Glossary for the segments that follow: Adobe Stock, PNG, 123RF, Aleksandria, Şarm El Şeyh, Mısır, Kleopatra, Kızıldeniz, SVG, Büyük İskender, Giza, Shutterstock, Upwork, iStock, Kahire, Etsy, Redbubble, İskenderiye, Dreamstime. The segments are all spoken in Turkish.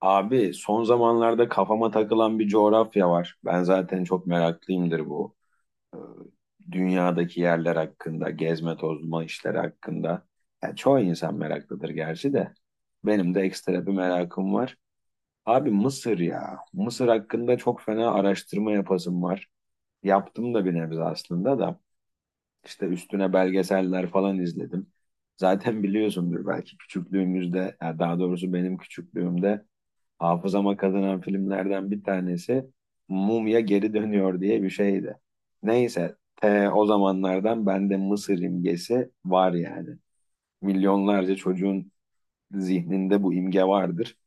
Abi son zamanlarda kafama takılan bir coğrafya var. Ben zaten çok meraklıyımdır bu e, dünyadaki yerler hakkında, gezme tozma işleri hakkında. Ya çoğu insan meraklıdır gerçi de. Benim de ekstra bir merakım var. Abi Mısır ya. Mısır hakkında çok fena araştırma yapasım var. Yaptım da bir nebze aslında da. İşte üstüne belgeseller falan izledim. Zaten biliyorsundur belki küçüklüğümüzde, ya daha doğrusu benim küçüklüğümde hafızama kazanan filmlerden bir tanesi Mumya Geri Dönüyor diye bir şeydi. Neyse, o zamanlardan bende Mısır imgesi var yani. Milyonlarca çocuğun zihninde bu imge vardır.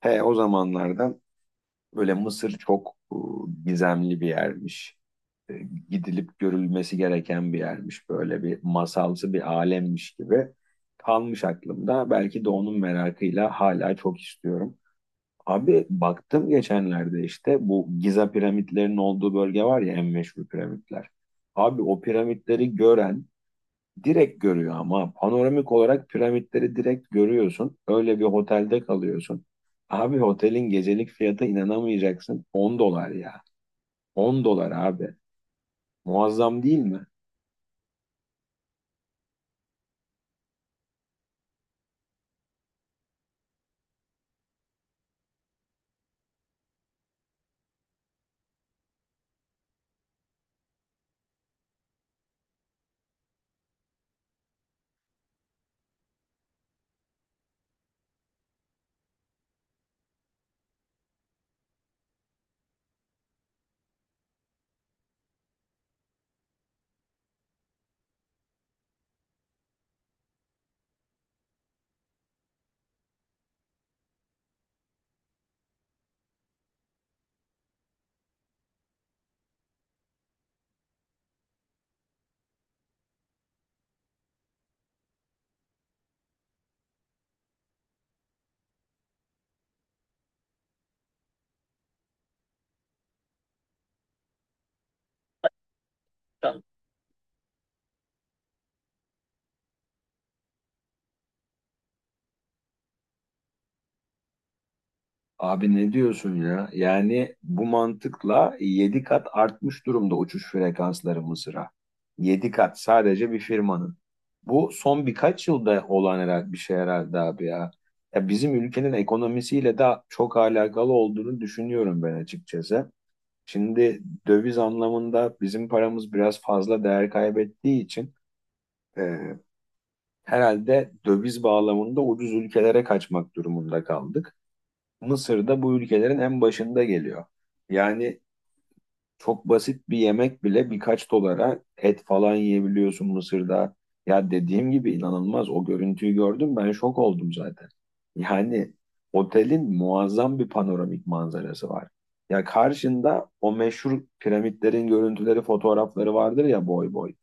He o zamanlardan böyle Mısır çok gizemli bir yermiş. E, Gidilip görülmesi gereken bir yermiş. Böyle bir masalsı bir alemmiş gibi kalmış aklımda. Belki de onun merakıyla hala çok istiyorum. Abi baktım geçenlerde işte bu Giza piramitlerinin olduğu bölge var ya en meşhur piramitler. Abi o piramitleri gören direkt görüyor ama panoramik olarak piramitleri direkt görüyorsun. Öyle bir otelde kalıyorsun. Abi otelin gecelik fiyatı inanamayacaksın. 10 dolar ya. 10 dolar abi. Muazzam değil mi? Abi ne diyorsun ya? Yani bu mantıkla 7 kat artmış durumda uçuş frekansları Mısır'a. 7 kat sadece bir firmanın. Bu son birkaç yılda olan herhalde bir şey herhalde abi ya. Ya bizim ülkenin ekonomisiyle de çok alakalı olduğunu düşünüyorum ben açıkçası. Şimdi döviz anlamında bizim paramız biraz fazla değer kaybettiği için e, herhalde döviz bağlamında ucuz ülkelere kaçmak durumunda kaldık. Mısır da bu ülkelerin en başında geliyor. Yani çok basit bir yemek bile birkaç dolara et falan yiyebiliyorsun Mısır'da. Ya dediğim gibi inanılmaz. O görüntüyü gördüm, ben şok oldum zaten. Yani otelin muazzam bir panoramik manzarası var. Ya karşında o meşhur piramitlerin görüntüleri, fotoğrafları vardır ya, boy boy.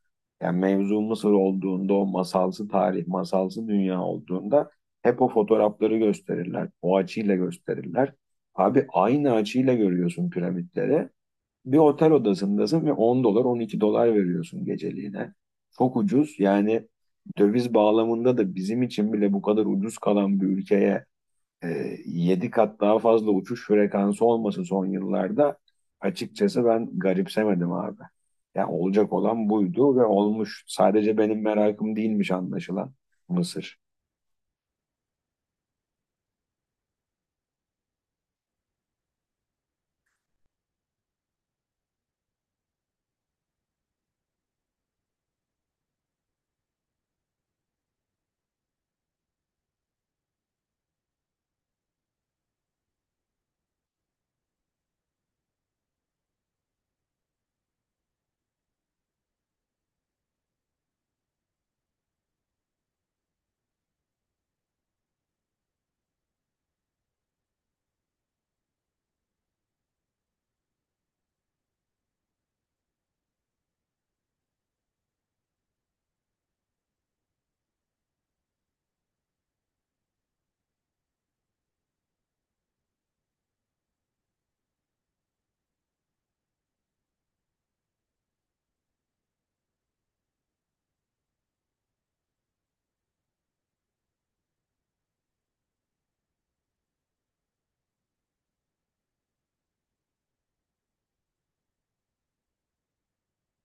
Yani mevzu Mısır olduğunda, o masalsı tarih, masalsı dünya olduğunda hep o fotoğrafları gösterirler. O açıyla gösterirler. Abi aynı açıyla görüyorsun piramitleri, bir otel odasındasın ve 10 dolar 12 dolar veriyorsun geceliğine. Çok ucuz yani, döviz bağlamında da bizim için bile bu kadar ucuz kalan bir ülkeye 7 kat daha fazla uçuş frekansı olması son yıllarda açıkçası ben garipsemedim abi. Yani olacak olan buydu ve olmuş. Sadece benim merakım değilmiş anlaşılan Mısır.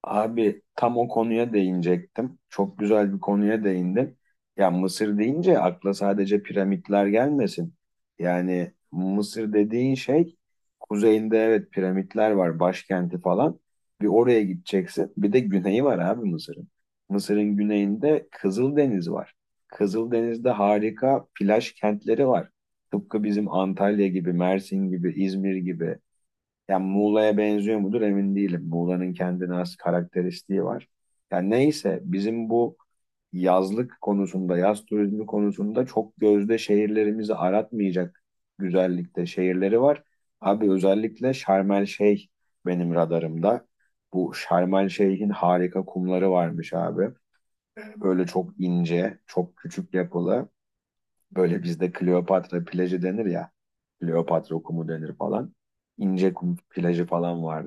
Abi tam o konuya değinecektim. Çok güzel bir konuya değindin. Ya Mısır deyince akla sadece piramitler gelmesin. Yani Mısır dediğin şey, kuzeyinde evet piramitler var, başkenti falan. Bir oraya gideceksin. Bir de güneyi var abi Mısır'ın. Mısır'ın güneyinde Kızıldeniz var. Kızıldeniz'de harika plaj kentleri var. Tıpkı bizim Antalya gibi, Mersin gibi, İzmir gibi. Yani Muğla'ya benziyor mudur emin değilim. Muğla'nın kendine has karakteristiği var. Yani neyse, bizim bu yazlık konusunda, yaz turizmi konusunda çok gözde şehirlerimizi aratmayacak güzellikte şehirleri var. Abi özellikle Şarm El Şeyh benim radarımda. Bu Şarm El Şeyh'in harika kumları varmış abi. Böyle çok ince, çok küçük yapılı. Böyle bizde Kleopatra plajı denir ya. Kleopatra kumu denir falan. İnce kum plajı falan var,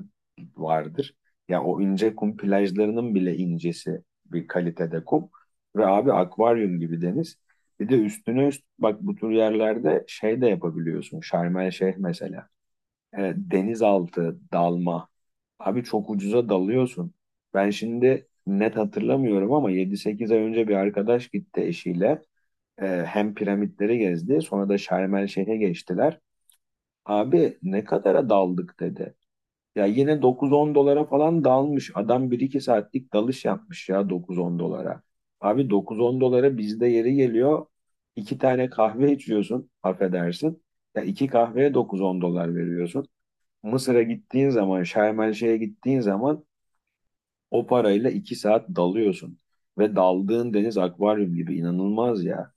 vardır. Ya o ince kum plajlarının bile incesi bir kalitede kum. Ve abi akvaryum gibi deniz. Bir de üstüne üst bak, bu tür yerlerde şey de yapabiliyorsun. Şarm El Şeyh mesela. Denizaltı dalma. Abi çok ucuza dalıyorsun. Ben şimdi net hatırlamıyorum ama 7-8 ay önce bir arkadaş gitti eşiyle. Hem piramitleri gezdi, sonra da Şarm El Şeyh'e geçtiler. Abi ne kadara daldık dedi. Ya yine 9-10 dolara falan dalmış. Adam 1-2 saatlik dalış yapmış ya, 9-10 dolara. Abi 9-10 dolara bizde yeri geliyor. İki tane kahve içiyorsun, affedersin. Ya iki kahveye 9-10 dolar veriyorsun. Mısır'a gittiğin zaman, Şarm El Şeyh'e gittiğin zaman o parayla 2 saat dalıyorsun. Ve daldığın deniz akvaryum gibi, inanılmaz ya.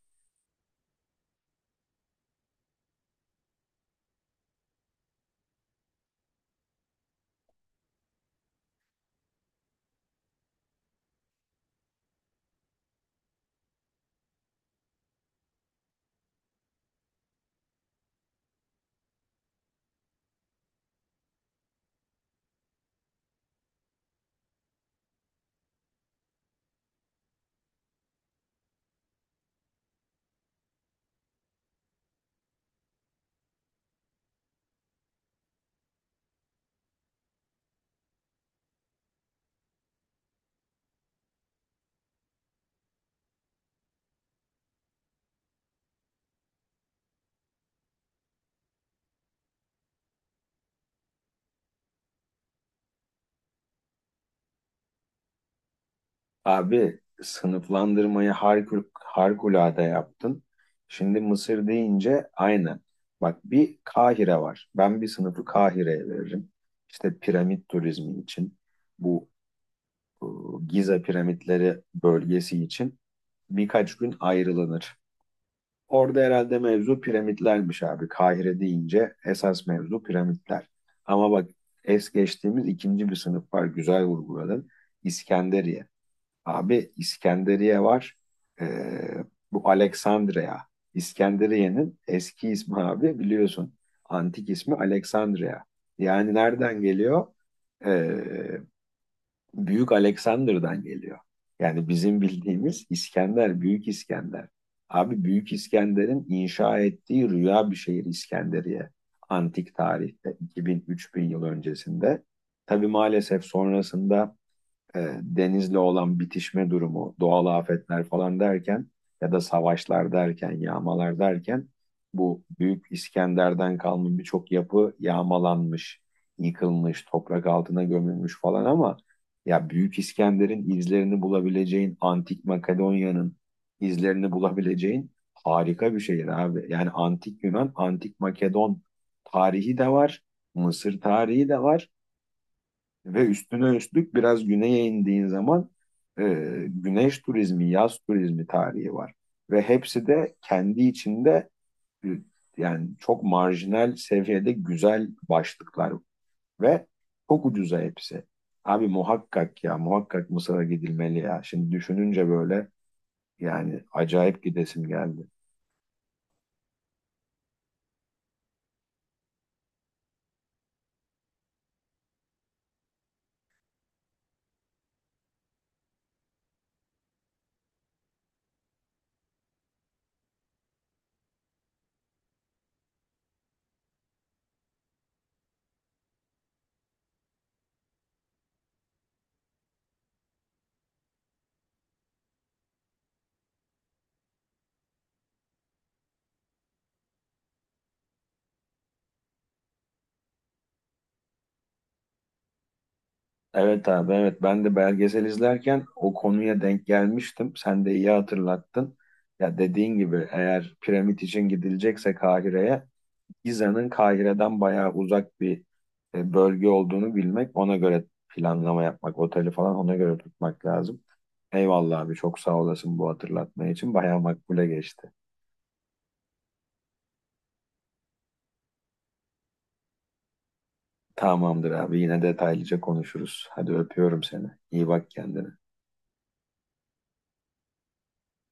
Abi sınıflandırmayı harikulade yaptın. Şimdi Mısır deyince aynen. Bak, bir Kahire var. Ben bir sınıfı Kahire'ye veririm. İşte piramit turizmi için, bu e, Giza piramitleri bölgesi için birkaç gün ayrılanır. Orada herhalde mevzu piramitlermiş abi. Kahire deyince esas mevzu piramitler. Ama bak, es geçtiğimiz ikinci bir sınıf var. Güzel vurguladın. İskenderiye. Abi İskenderiye var. Ee, Bu Aleksandria. İskenderiye'nin eski ismi abi, biliyorsun. Antik ismi Aleksandria. Yani nereden geliyor? Ee, Büyük Aleksander'dan geliyor. Yani bizim bildiğimiz İskender, Büyük İskender. Abi Büyük İskender'in inşa ettiği rüya bir şehir İskenderiye. Antik tarihte 2000-3000 yıl öncesinde. Tabii maalesef sonrasında denizle olan bitişme durumu, doğal afetler falan derken, ya da savaşlar derken, yağmalar derken bu Büyük İskender'den kalma birçok yapı yağmalanmış, yıkılmış, toprak altına gömülmüş falan, ama ya Büyük İskender'in izlerini bulabileceğin, Antik Makedonya'nın izlerini bulabileceğin harika bir şehir abi. Yani Antik Yunan, Antik Makedon tarihi de var, Mısır tarihi de var. Ve üstüne üstlük biraz güneye indiğin zaman e, güneş turizmi, yaz turizmi tarihi var. Ve hepsi de kendi içinde e, yani çok marjinal seviyede güzel başlıklar ve çok ucuza hepsi. Abi muhakkak ya, muhakkak Mısır'a gidilmeli ya. Şimdi düşününce böyle, yani acayip gidesim geldi. Evet abi, evet, ben de belgesel izlerken o konuya denk gelmiştim. Sen de iyi hatırlattın. Ya dediğin gibi eğer piramit için gidilecekse Kahire'ye, Giza'nın Kahire'den bayağı uzak bir bölge olduğunu bilmek, ona göre planlama yapmak, oteli falan ona göre tutmak lazım. Eyvallah abi, çok sağ olasın, bu hatırlatma için bayağı makbule geçti. Tamamdır abi, yine detaylıca konuşuruz. Hadi öpüyorum seni. İyi bak kendine.